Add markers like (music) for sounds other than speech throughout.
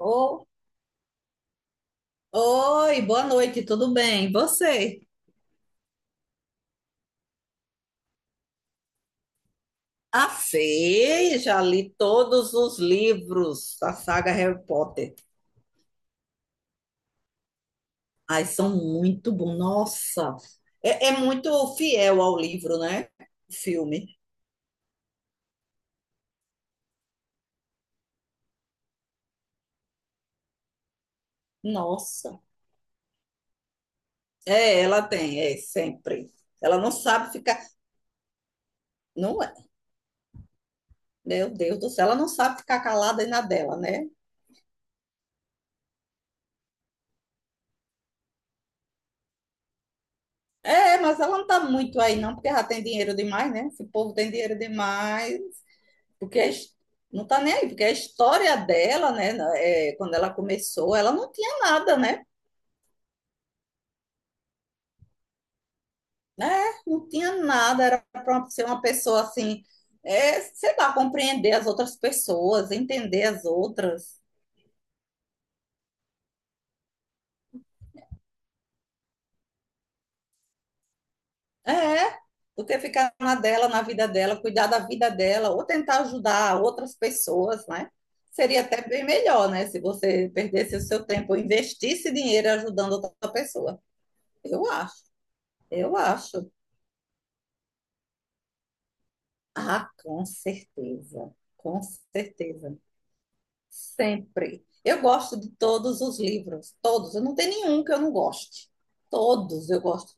Oh, oi, boa noite, tudo bem? E você? A Fê, já li todos os livros da saga Harry Potter. Ai, são muito bons. Nossa, é muito fiel ao livro, né? O filme. Nossa. É, ela tem, é sempre. Ela não sabe ficar. Não é. Meu Deus do céu, ela não sabe ficar calada aí na dela, né? É, mas ela não tá muito aí, não, porque já tem dinheiro demais, né? Esse povo tem dinheiro demais. porque a his- não está nem aí, porque a história dela, né, é, quando ela começou, ela não tinha nada, né? É, não tinha nada, era para ser uma pessoa assim, é, sei lá, compreender as outras pessoas, entender as outras. É, do que ficar na dela, na vida dela, cuidar da vida dela, ou tentar ajudar outras pessoas, né? Seria até bem melhor, né? Se você perdesse o seu tempo, investisse dinheiro ajudando outra pessoa. Eu acho, eu acho. Ah, com certeza, sempre. Eu gosto de todos os livros, todos. Eu não tenho nenhum que eu não goste. Todos eu gosto.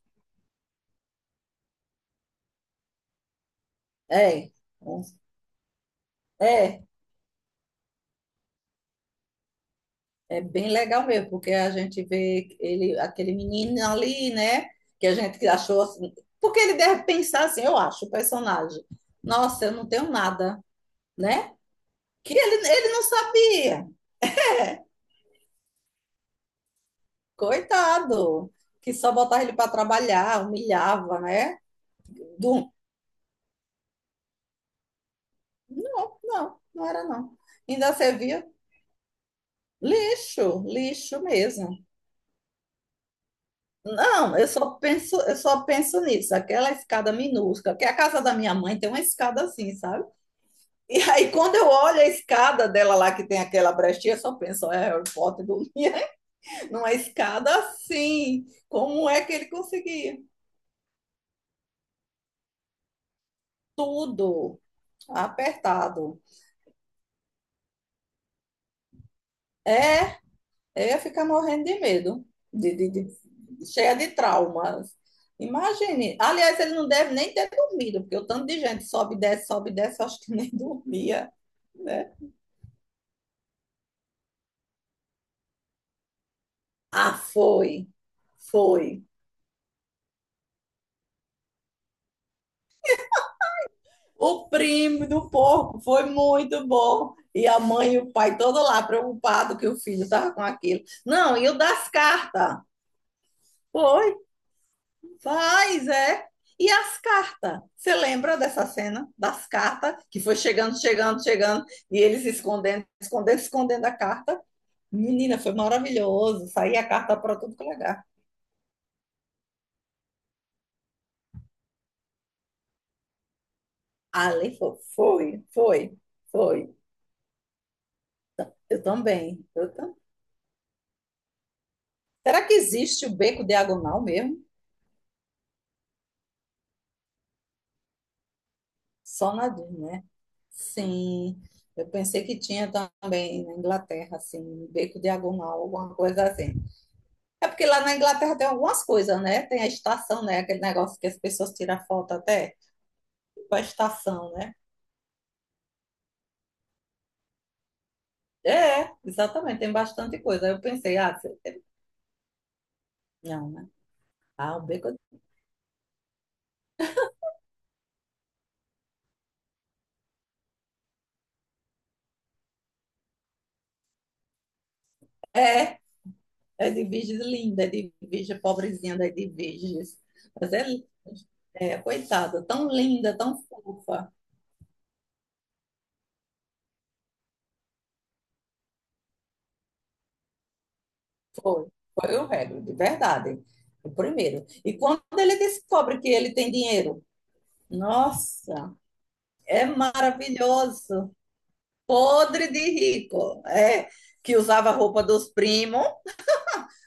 É, é, é bem legal mesmo, porque a gente vê ele, aquele menino ali, né? Que a gente que achou assim, porque ele deve pensar assim, eu acho, o personagem. Nossa, eu não tenho nada, né? Que ele não sabia, coitado, que só botava ele para trabalhar, humilhava, né? Não, não, não era não. Ainda servia lixo, lixo mesmo. Não, eu só penso nisso, aquela escada minúscula, que a casa da minha mãe tem uma escada assim, sabe? E aí quando eu olho a escada dela lá que tem aquela brechinha, eu só penso, é Harry Potter dormia (laughs) numa escada assim. Como é que ele conseguia? Tudo apertado. É. Eu ia ficar morrendo de medo, cheia de traumas. Imagine. Aliás, ele não deve nem ter dormido, porque o tanto de gente sobe e desce, eu acho que nem (laughs) dormia, né? Ah, foi. Foi. O primo do porco foi muito bom. E a mãe e o pai todo lá preocupado que o filho estava com aquilo. Não, e o das cartas? Foi. Faz, é. E as cartas? Você lembra dessa cena das cartas que foi chegando, chegando, chegando e eles escondendo, escondendo, escondendo a carta? Menina, foi maravilhoso. Saía a carta para tudo que legal. Ali foi. Eu também, eu também. Será que existe o beco diagonal mesmo? Só na Disney, né? Sim. Eu pensei que tinha também na Inglaterra, assim, um beco diagonal, alguma coisa assim. É porque lá na Inglaterra tem algumas coisas, né? Tem a estação, né? Aquele negócio que as pessoas tiram foto até, tipo a estação, né? É, exatamente, tem bastante coisa. Aí eu pensei, não, né? Ah, o beco é, é de virgens linda, é de virgem pobrezinha, é de virgens. Mas é, linda, é, coitada, tão linda, tão fofa. Foi, foi o Hagrid, de verdade, o primeiro. E quando ele descobre que ele tem dinheiro, nossa, é maravilhoso. Podre de rico, é, que usava a roupa dos primos,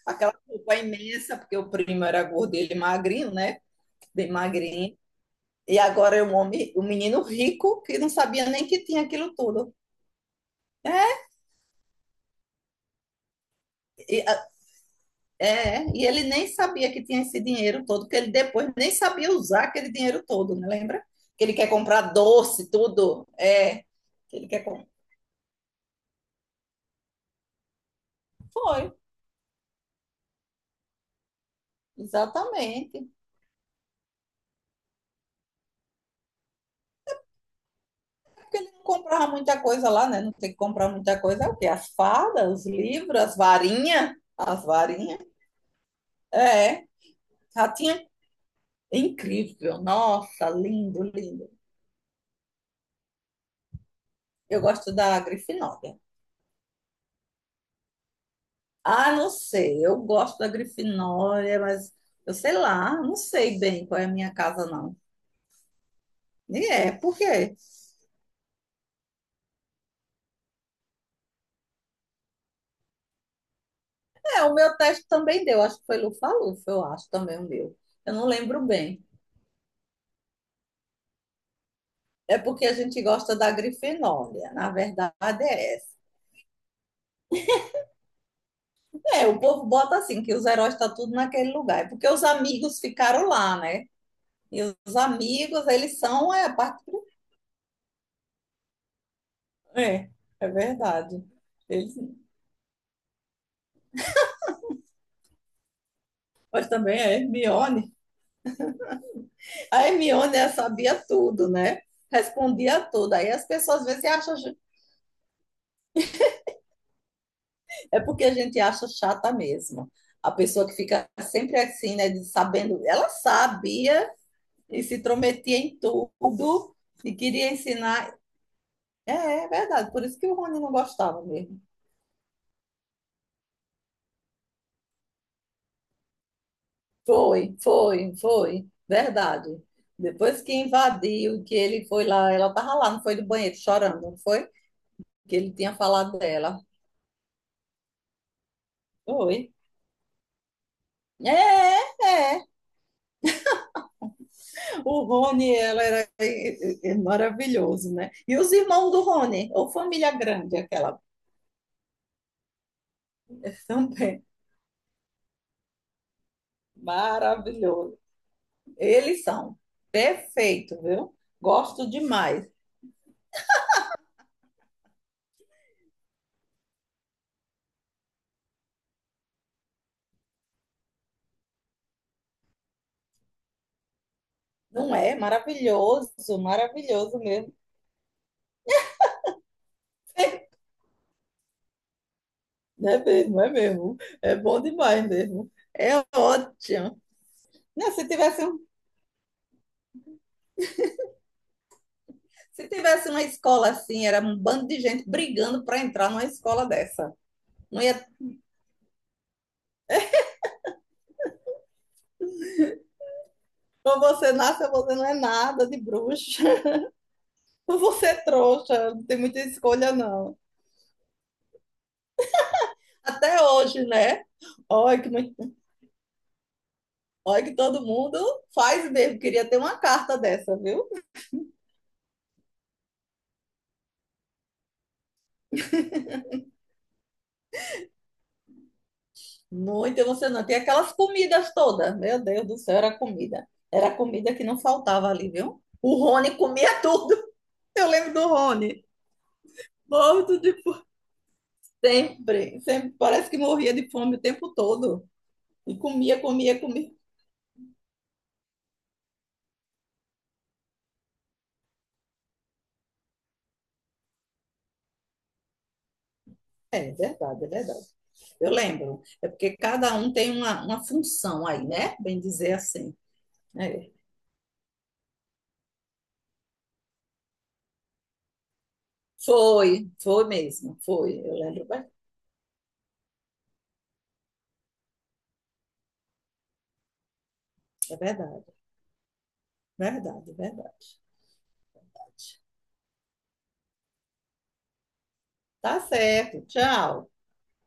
aquela roupa imensa, porque o primo era gordo e ele magrinho, né? Bem magrinho. E agora é um homem, um menino rico que não sabia nem que tinha aquilo tudo. É, e, a- é, e ele nem sabia que tinha esse dinheiro todo, que ele depois nem sabia usar aquele dinheiro todo, né? Lembra? Que ele quer comprar doce, tudo. É, que ele quer comprar. Foi, exatamente. Porque ele não comprava muita coisa lá, né? Não tem que comprar muita coisa. É o quê? As fadas, os livros, as varinhas. As varinhas. É, já tinha. É incrível. Nossa, lindo, lindo. Eu gosto da Grifinória. Ah, não sei. Eu gosto da Grifinória, mas eu sei lá, não sei bem qual é a minha casa, não. E é, por quê? É, o meu teste também deu. Acho que foi Lufa-Lufa, eu acho também o meu. Eu não lembro bem. É porque a gente gosta da Grifinória. Na verdade, é é, o povo bota assim, que os heróis estão tudo naquele lugar. É porque os amigos ficaram lá, né? E os amigos, eles são é, a parte. É, é verdade. Eles... Mas também a Hermione. A Hermione ela sabia tudo, né? Respondia tudo. Aí as pessoas às vezes acham. É porque a gente acha chata mesmo. A pessoa que fica sempre assim, né? Sabendo. Ela sabia e se intrometia em tudo e queria ensinar. É, é verdade. Por isso que o Rony não gostava mesmo. Foi, foi, foi, verdade. Depois que invadiu, que ele foi lá, ela tava lá, não foi do banheiro chorando, não foi? Que ele tinha falado dela. Foi. É, é. O Rony, ela era maravilhoso, né? E os irmãos do Rony, ou família grande, aquela (laughs) também. Maravilhoso. Eles são perfeitos, viu? Gosto demais. Não é? Maravilhoso, maravilhoso mesmo. (laughs) Não é mesmo, é mesmo. É bom demais mesmo. É ótimo. Não, se tivesse, um- Se tivesse uma escola assim, era um bando de gente brigando para entrar numa escola dessa. Não ia, Ou você nasce ou você não é nada de bruxa. (laughs) Ou você é trouxa, não tem muita escolha, não. Até hoje, né? Olha que, muito- Olha que todo mundo faz mesmo. Queria ter uma carta dessa, viu? Muito emocionante. E aquelas comidas todas. Meu Deus do céu, era comida. Era comida que não faltava ali, viu? O Rony comia tudo. (laughs) Eu lembro do Rony. Morto de fome. Sempre, sempre. Parece que morria de fome o tempo todo. E comia, comia, comia. É é verdade, é verdade. Eu lembro. É porque cada um tem uma função aí, né? Bem dizer assim. É. Foi, foi mesmo. Foi. Eu lembro bem. É verdade, é verdade, é verdade. Tá certo. Tchau.